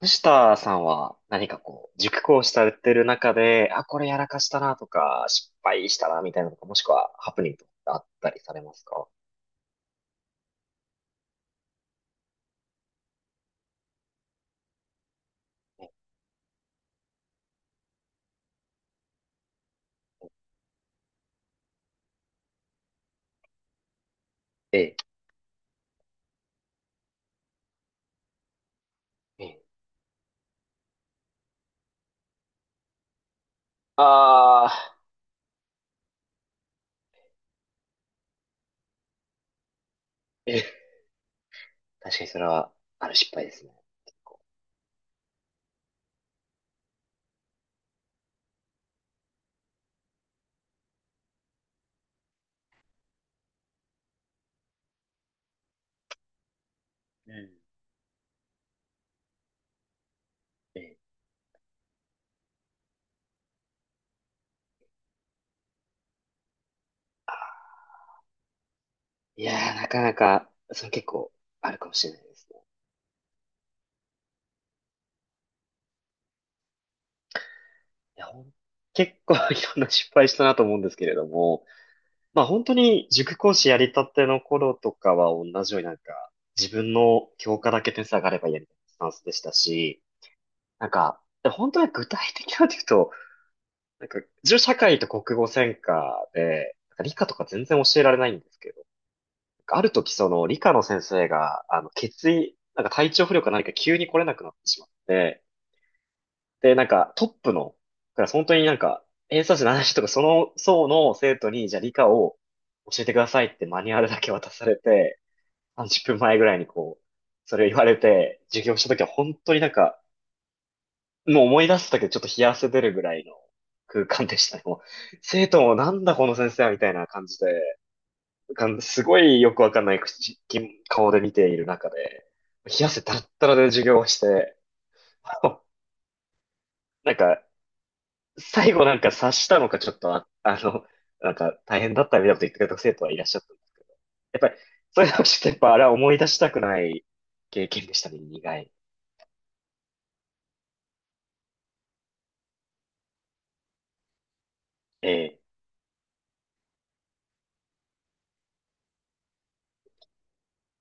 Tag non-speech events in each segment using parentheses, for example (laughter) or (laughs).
藤田さんは何かこう、熟考されてる中で、あ、これやらかしたなとか、失敗したなみたいなのとか、もしくはハプニングとかってあったりされますか？ええ、ええ。ああ、ええ。確かにそれは、ある失敗ですね。こうん。うええいやー、なかなか、それ結構あるかもしれないですね。いや、ほん結構 (laughs) いろんな失敗したなと思うんですけれども、まあ本当に塾講師やりたての頃とかは同じように自分の教科だけ点数上がればいいやみたいなスタンスでしたし、なんか本当に具体的なんて言うと、なんか自分社会と国語専科で、なんか理科とか全然教えられないんですけど、なんかある時その理科の先生が血液、なんか体調不良か何か急に来れなくなってしまって、で、なんか、トップのクラス、本当になんか、偏差値の話とか、その層の生徒に、じゃあ理科を教えてくださいってマニュアルだけ渡されて、30分前ぐらいにこう、それを言われて、授業した時は本当になんか、もう思い出すだけでちょっと冷や汗出るぐらいの空間でしたね。もう生徒もなんだこの先生はみたいな感じで、かんすごいよくわかんない口顔で見ている中で、冷や汗だったらで授業をして、(laughs) なんか、最後なんか察したのかちょっとあ、(laughs) なんか大変だったみたいなこと言ってくれた生徒はいらっしゃった。やっぱり、そういうのを知って、やっぱあれは思い出したくない経験でしたね、苦い。ええ。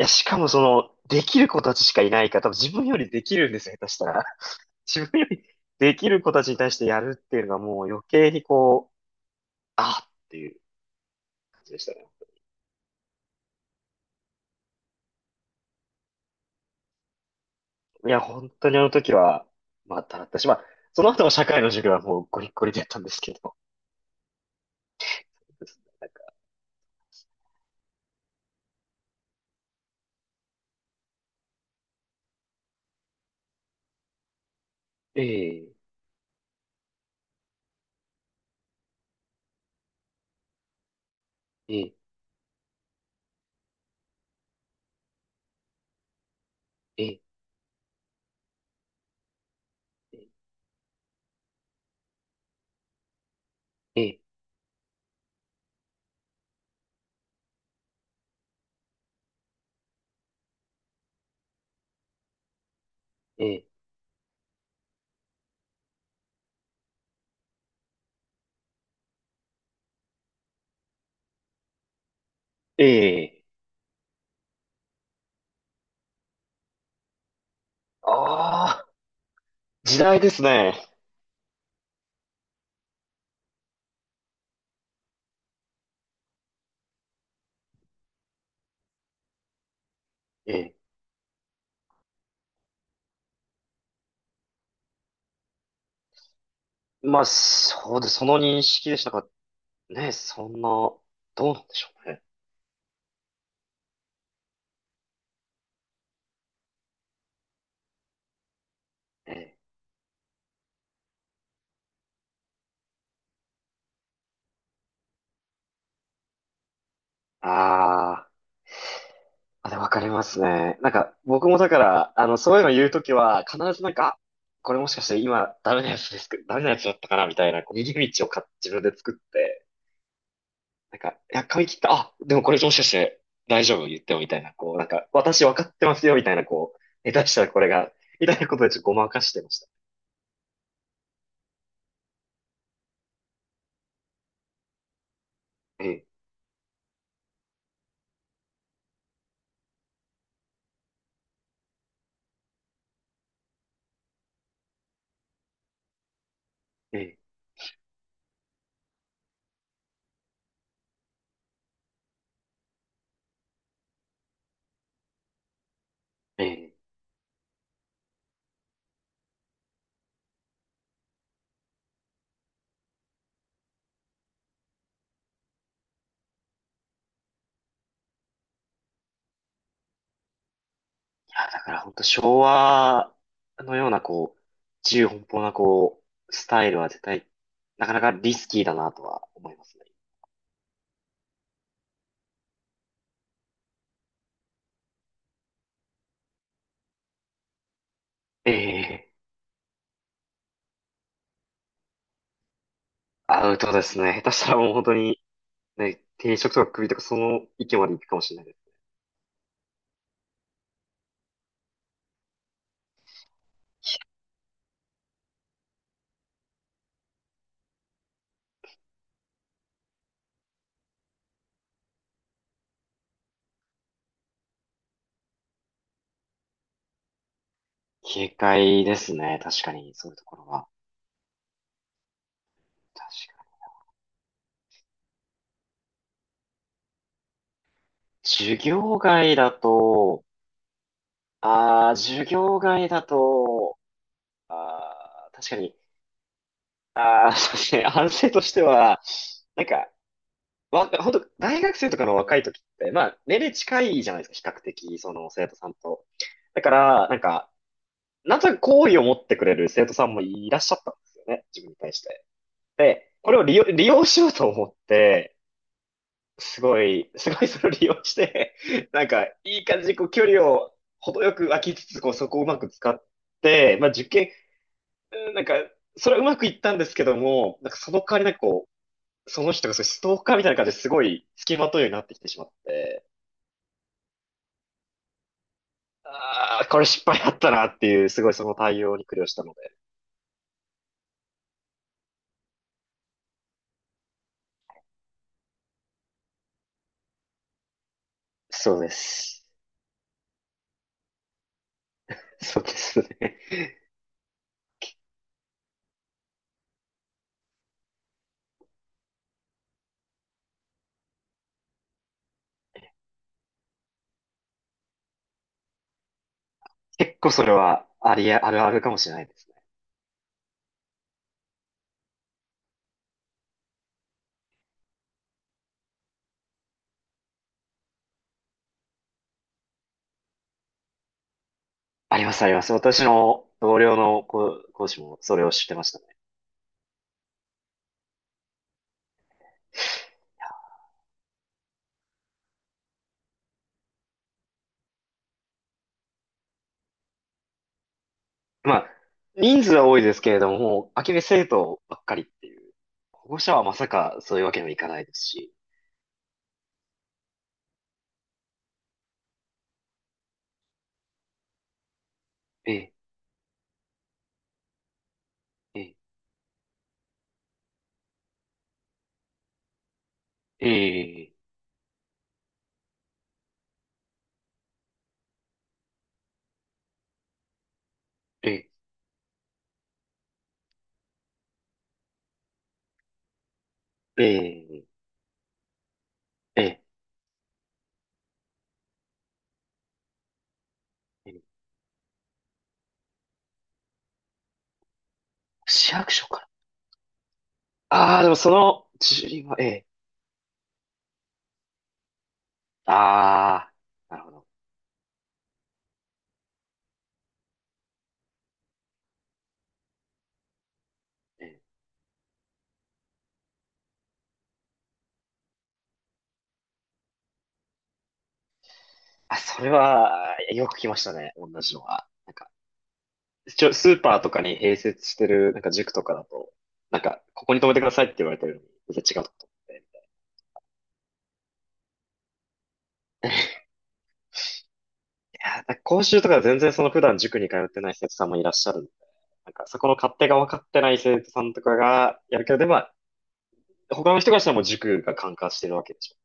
いや、しかもその、できる子たちしかいないから、多分自分よりできるんですよ、下手したら。(laughs) 自分よりできる子たちに対してやるっていうのがもう余計にこう、あっていう感じでしたね。いや、本当にあの時は、まあ、だったし、まあ、その後の社会の授業はもうゴリッゴリでやったんですけど。(laughs) ですねなんかええ、ええ、ええ。ええ、ええ、ええ。ああ、時代ですね。ええ。まあ、そうです。その認識でしたか。ね、そんな、どうなんでしょうね。ええ。あーあ、でわかりますね。なんか、僕もだから、そういうの言うときは、必ずなんか、あこれもしかして今、ダメなやつですけど、ダメなやつだったかな、みたいな、こう逃げ道をか、自分で作って、なんか、いや、髪切った、あ、でもこれもしかして大丈夫言ってもみたいな、こう、なんか、私分かってますよみたいな、こう、下手したらこれが、みたいなことでちょっとごまかしてました。ええ、ええ、ええ。いや、だから本当昭和のような、こう、自由奔放な、こう、スタイルは絶対、なかなかリスキーだなとは思いますね。ええ、アウトですね。下手したらもう本当に、ね、定食とか首とかその域まで行くかもしれないです。警戒ですね。確かに、そういうところは。確かに授業外だと、ああ、授業外だと、ああ、確かに、ああ、(laughs) そうですね、反省としては、なんか、わ、ほんと、大学生とかの若い時って、まあ、年齢近いじゃないですか、比較的、その生徒さんと。だから、なんか、なんとなく好意を持ってくれる生徒さんもいらっしゃったんですよね、自分に対して。で、これを利用しようと思って、すごいそれを利用して、(laughs) なんか、いい感じにこう距離を程よく空きつつ、こうそこをうまく使って、まあ受験、うんなんか、それはうまくいったんですけども、なんかその代わりなんかこう、その人がそういうストーカーみたいな感じですごい付きまとうようになってきてしまって、ああ、これ失敗だったなっていう、すごいその対応に苦慮したので。そうです。そうですね。結構それはありあ、あるあるかもしれないです。あります、あります。私の同僚の講師もそれを知ってましたね。まあ、人数は多いですけれども、もう、空き部生徒ばっかりっていう。保護者はまさかそういうわけにはいかないですし。ええ、ええ、ええ、ええ、ええ、ええ、ええ市役所から。ああ、でもその、自分は、ええ、ああ、なるほど。ええ、あ、それは、よく来ましたね、同じのは。なんか、一応スーパーとかに併設してる、なんか塾とかだと、なんか、ここに泊めてくださいって言われてるのに、全然違うとこ止めて。や、だ講習とか全然その普段塾に通ってない生徒さんもいらっしゃるんで、なんかそこの勝手が分かってない生徒さんとかがやるけど、でもまあ、他の人がしたらもう塾が管轄してるわけでしょ。